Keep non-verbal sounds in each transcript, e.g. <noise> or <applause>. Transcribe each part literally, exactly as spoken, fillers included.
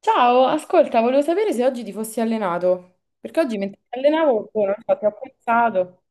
Ciao, ascolta, volevo sapere se oggi ti fossi allenato, perché oggi mentre ti allenavo, boh, non so, ti ho pensato.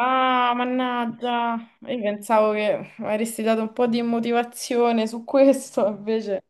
Ah, mannaggia, io pensavo che avresti dato un po' di motivazione su questo, invece.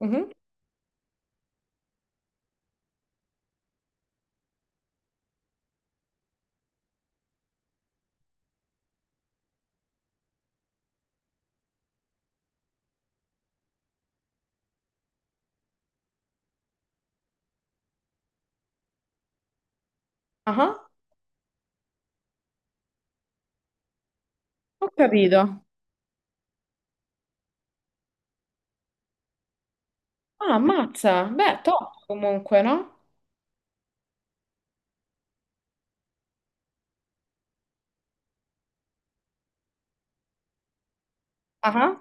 Mhm. Ah, ho capito. Ah, ammazza, beh, top comunque, no? Ah.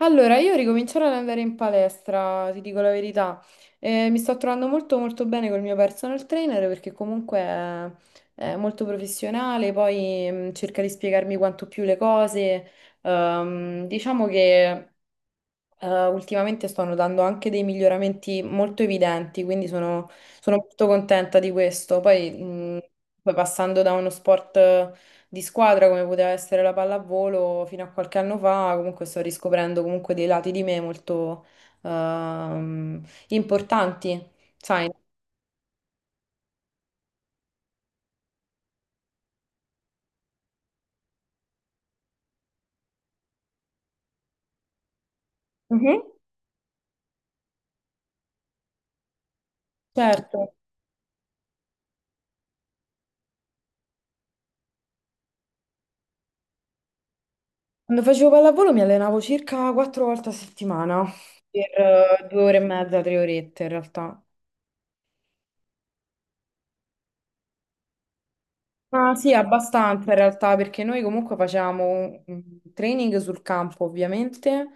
Allora, io ricomincerò ad andare in palestra, ti dico la verità. Eh, mi sto trovando molto molto bene col mio personal trainer perché comunque è, è molto professionale, poi mm, cerca di spiegarmi quanto più le cose. Ehm, diciamo che eh, ultimamente sto notando anche dei miglioramenti molto evidenti, quindi sono, sono molto contenta di questo. Poi, mh, poi passando da uno sport eh, di squadra come poteva essere la pallavolo fino a qualche anno fa, comunque sto riscoprendo comunque dei lati di me molto ehm, importanti, sai? Mhm. Certo, quando facevo pallavolo mi allenavo circa quattro volte a settimana, per eh, due ore e mezza, tre orette in realtà. Ah, sì, abbastanza in realtà, perché noi comunque facevamo un un training sul campo, ovviamente,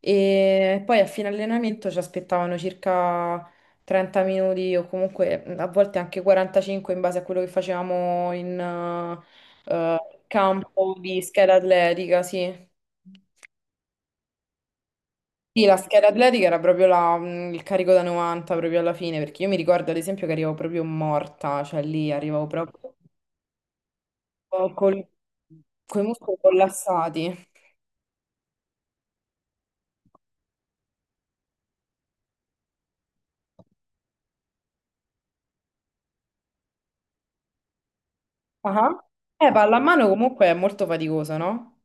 e poi a fine allenamento ci aspettavano circa trenta minuti o comunque mm, a volte anche quarantacinque in base a quello che facevamo in eh, eh, campo di scheda atletica, sì. Sì, la scheda atletica era proprio la- mm, il carico da novanta proprio alla fine, perché io mi ricordo ad esempio che arrivavo proprio morta, cioè lì arrivavo proprio con, con i muscoli collassati. Ah. Eh, pallamano comunque è molto faticoso, no?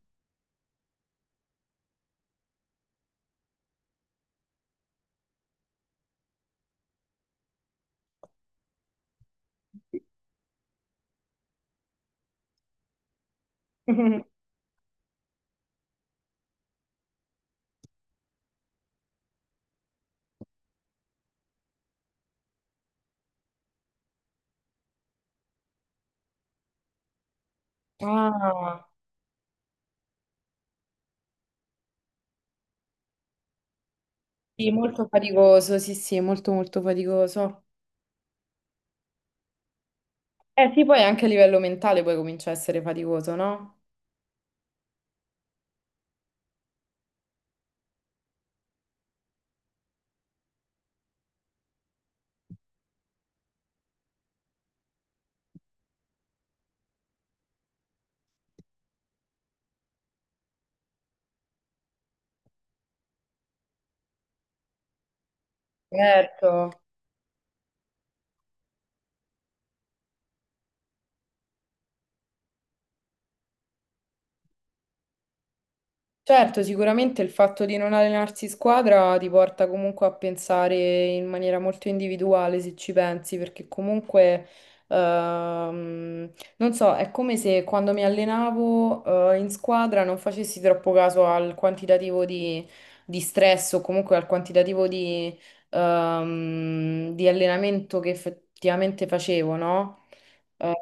<laughs> Ah, sì, molto faticoso, sì, sì, molto molto faticoso. Eh sì, poi anche a livello mentale poi comincia a essere faticoso, no? Certo. Certo, sicuramente il fatto di non allenarsi in squadra ti porta comunque a pensare in maniera molto individuale, se ci pensi, perché comunque, ehm, non so, è come se quando mi allenavo, eh, in squadra non facessi troppo caso al quantitativo di, di stress o comunque al quantitativo di, ehm, di allenamento che effettivamente facevo, no? eh,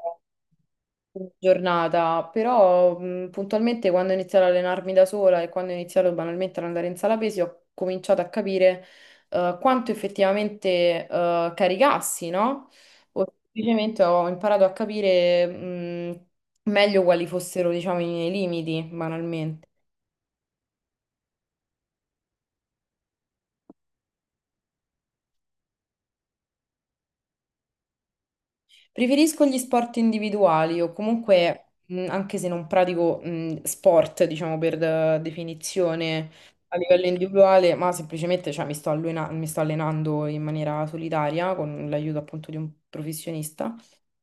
Giornata, però mh, puntualmente quando ho iniziato ad allenarmi da sola e quando ho iniziato banalmente ad andare in sala pesi, ho cominciato a capire eh, quanto effettivamente eh, caricassi, no? O semplicemente ho imparato a capire mh, meglio quali fossero, diciamo, i miei limiti, banalmente. Preferisco gli sport individuali o comunque, mh, anche se non pratico, mh, sport, diciamo per eh, definizione a livello individuale, ma semplicemente cioè, mi sto allena- mi sto allenando in maniera solitaria con l'aiuto appunto di un professionista.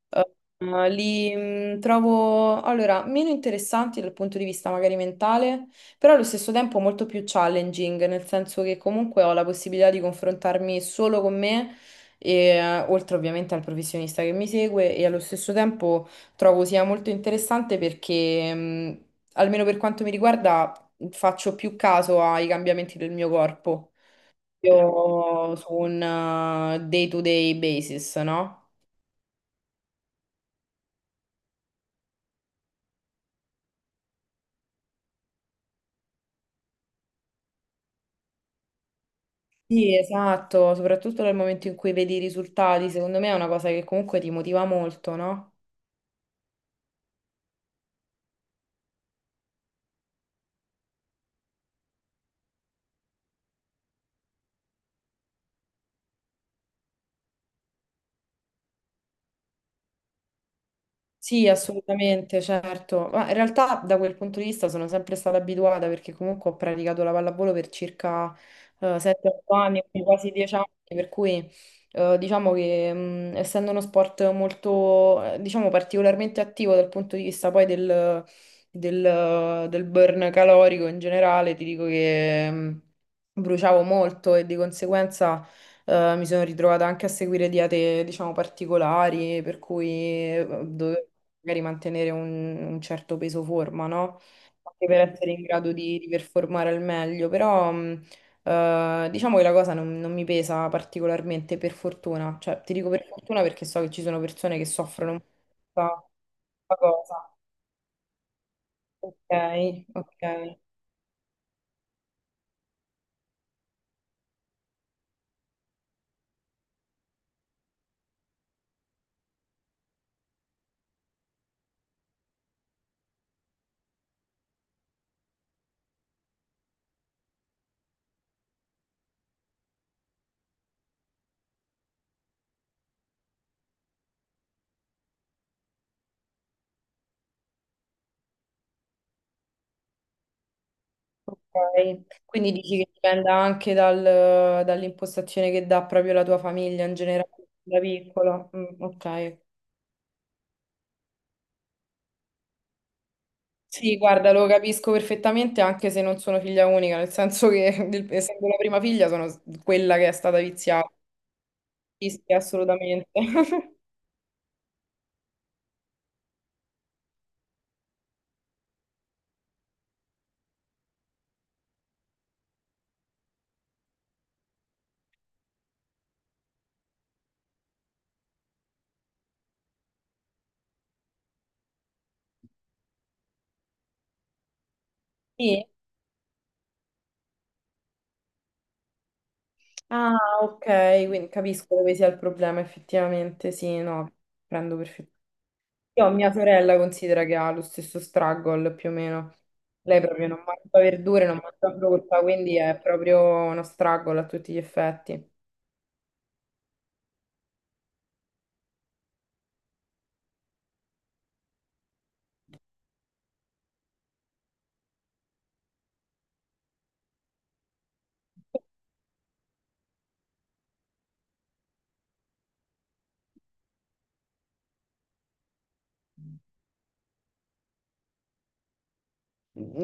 Eh, li mh, trovo allora meno interessanti dal punto di vista magari mentale, però allo stesso tempo molto più challenging, nel senso che comunque ho la possibilità di confrontarmi solo con me, e, oltre ovviamente al professionista che mi segue, e allo stesso tempo trovo sia molto interessante perché, mh, almeno per quanto mi riguarda, faccio più caso ai cambiamenti del mio corpo. Io su un eh, day to day basis, no? Sì, esatto, soprattutto nel momento in cui vedi i risultati, secondo me è una cosa che comunque ti motiva molto, no? Sì, assolutamente, certo. Ma in realtà da quel punto di vista sono sempre stata abituata perché comunque ho praticato la pallavolo per circa sette o otto anni, quindi quasi dieci anni, per cui eh, diciamo che mh, essendo uno sport molto, eh, diciamo, particolarmente attivo dal punto di vista poi del, del- del burn calorico in generale, ti dico che mh, bruciavo molto e di conseguenza. Eh, mi sono ritrovata anche a seguire diete, diciamo, particolari, per cui eh, dovevo magari mantenere un, un certo peso forma, no? Anche per essere in grado di, di performare al meglio, però mh, eh, diciamo che la cosa non, non mi pesa particolarmente, per fortuna. Cioè, ti dico per fortuna perché so che ci sono persone che soffrono molta questa cosa. Ok, ok. Ok, quindi dici che dipende anche dal- dall'impostazione che dà proprio la tua famiglia in generale, da piccola. Mm, ok. Sì, guarda, lo capisco perfettamente anche se non sono figlia unica, nel senso che <laughs> essendo la prima figlia sono s- quella che è stata viziata. Sì, sì, assolutamente. <laughs> Sì. Ah, ok, quindi capisco dove sia il problema, effettivamente, sì, no, prendo perfettamente. Io ho mia sorella considera che ha lo stesso struggle più o meno. Lei proprio non mangia verdure, non mangia frutta, quindi è proprio uno struggle a tutti gli effetti.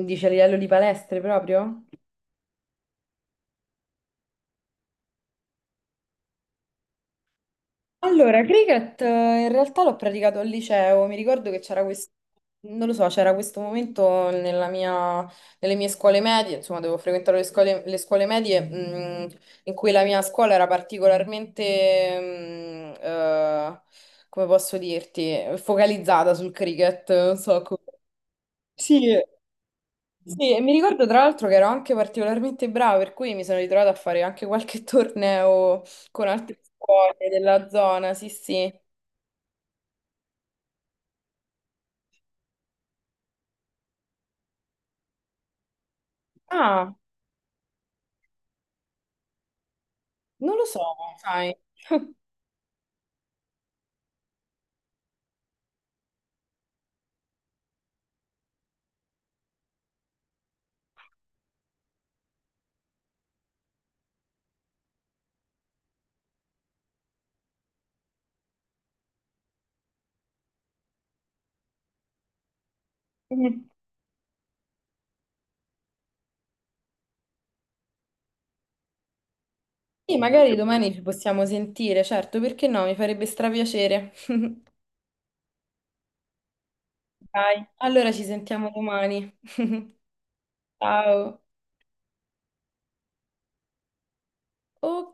Dice a livello di palestre proprio? Allora, cricket eh, in realtà l'ho praticato al liceo, mi ricordo che c'era questo, non lo so, c'era questo momento nella mia- nelle mie scuole medie, insomma, devo frequentare le scuole, le scuole medie, mh, in cui la mia scuola era particolarmente, mh, eh, come posso dirti, focalizzata sul cricket, non so come. Sì, sì, e mi ricordo tra l'altro che ero anche particolarmente brava, per cui mi sono ritrovata a fare anche qualche <laughs> torneo con altre scuole della zona, sì, sì. Ah, non lo so, sai. <laughs> Mm. Sì, magari domani ci possiamo sentire, certo, perché no? Mi farebbe strapiacere. <laughs> Dai, allora ci sentiamo domani. <laughs> Ciao. Ok.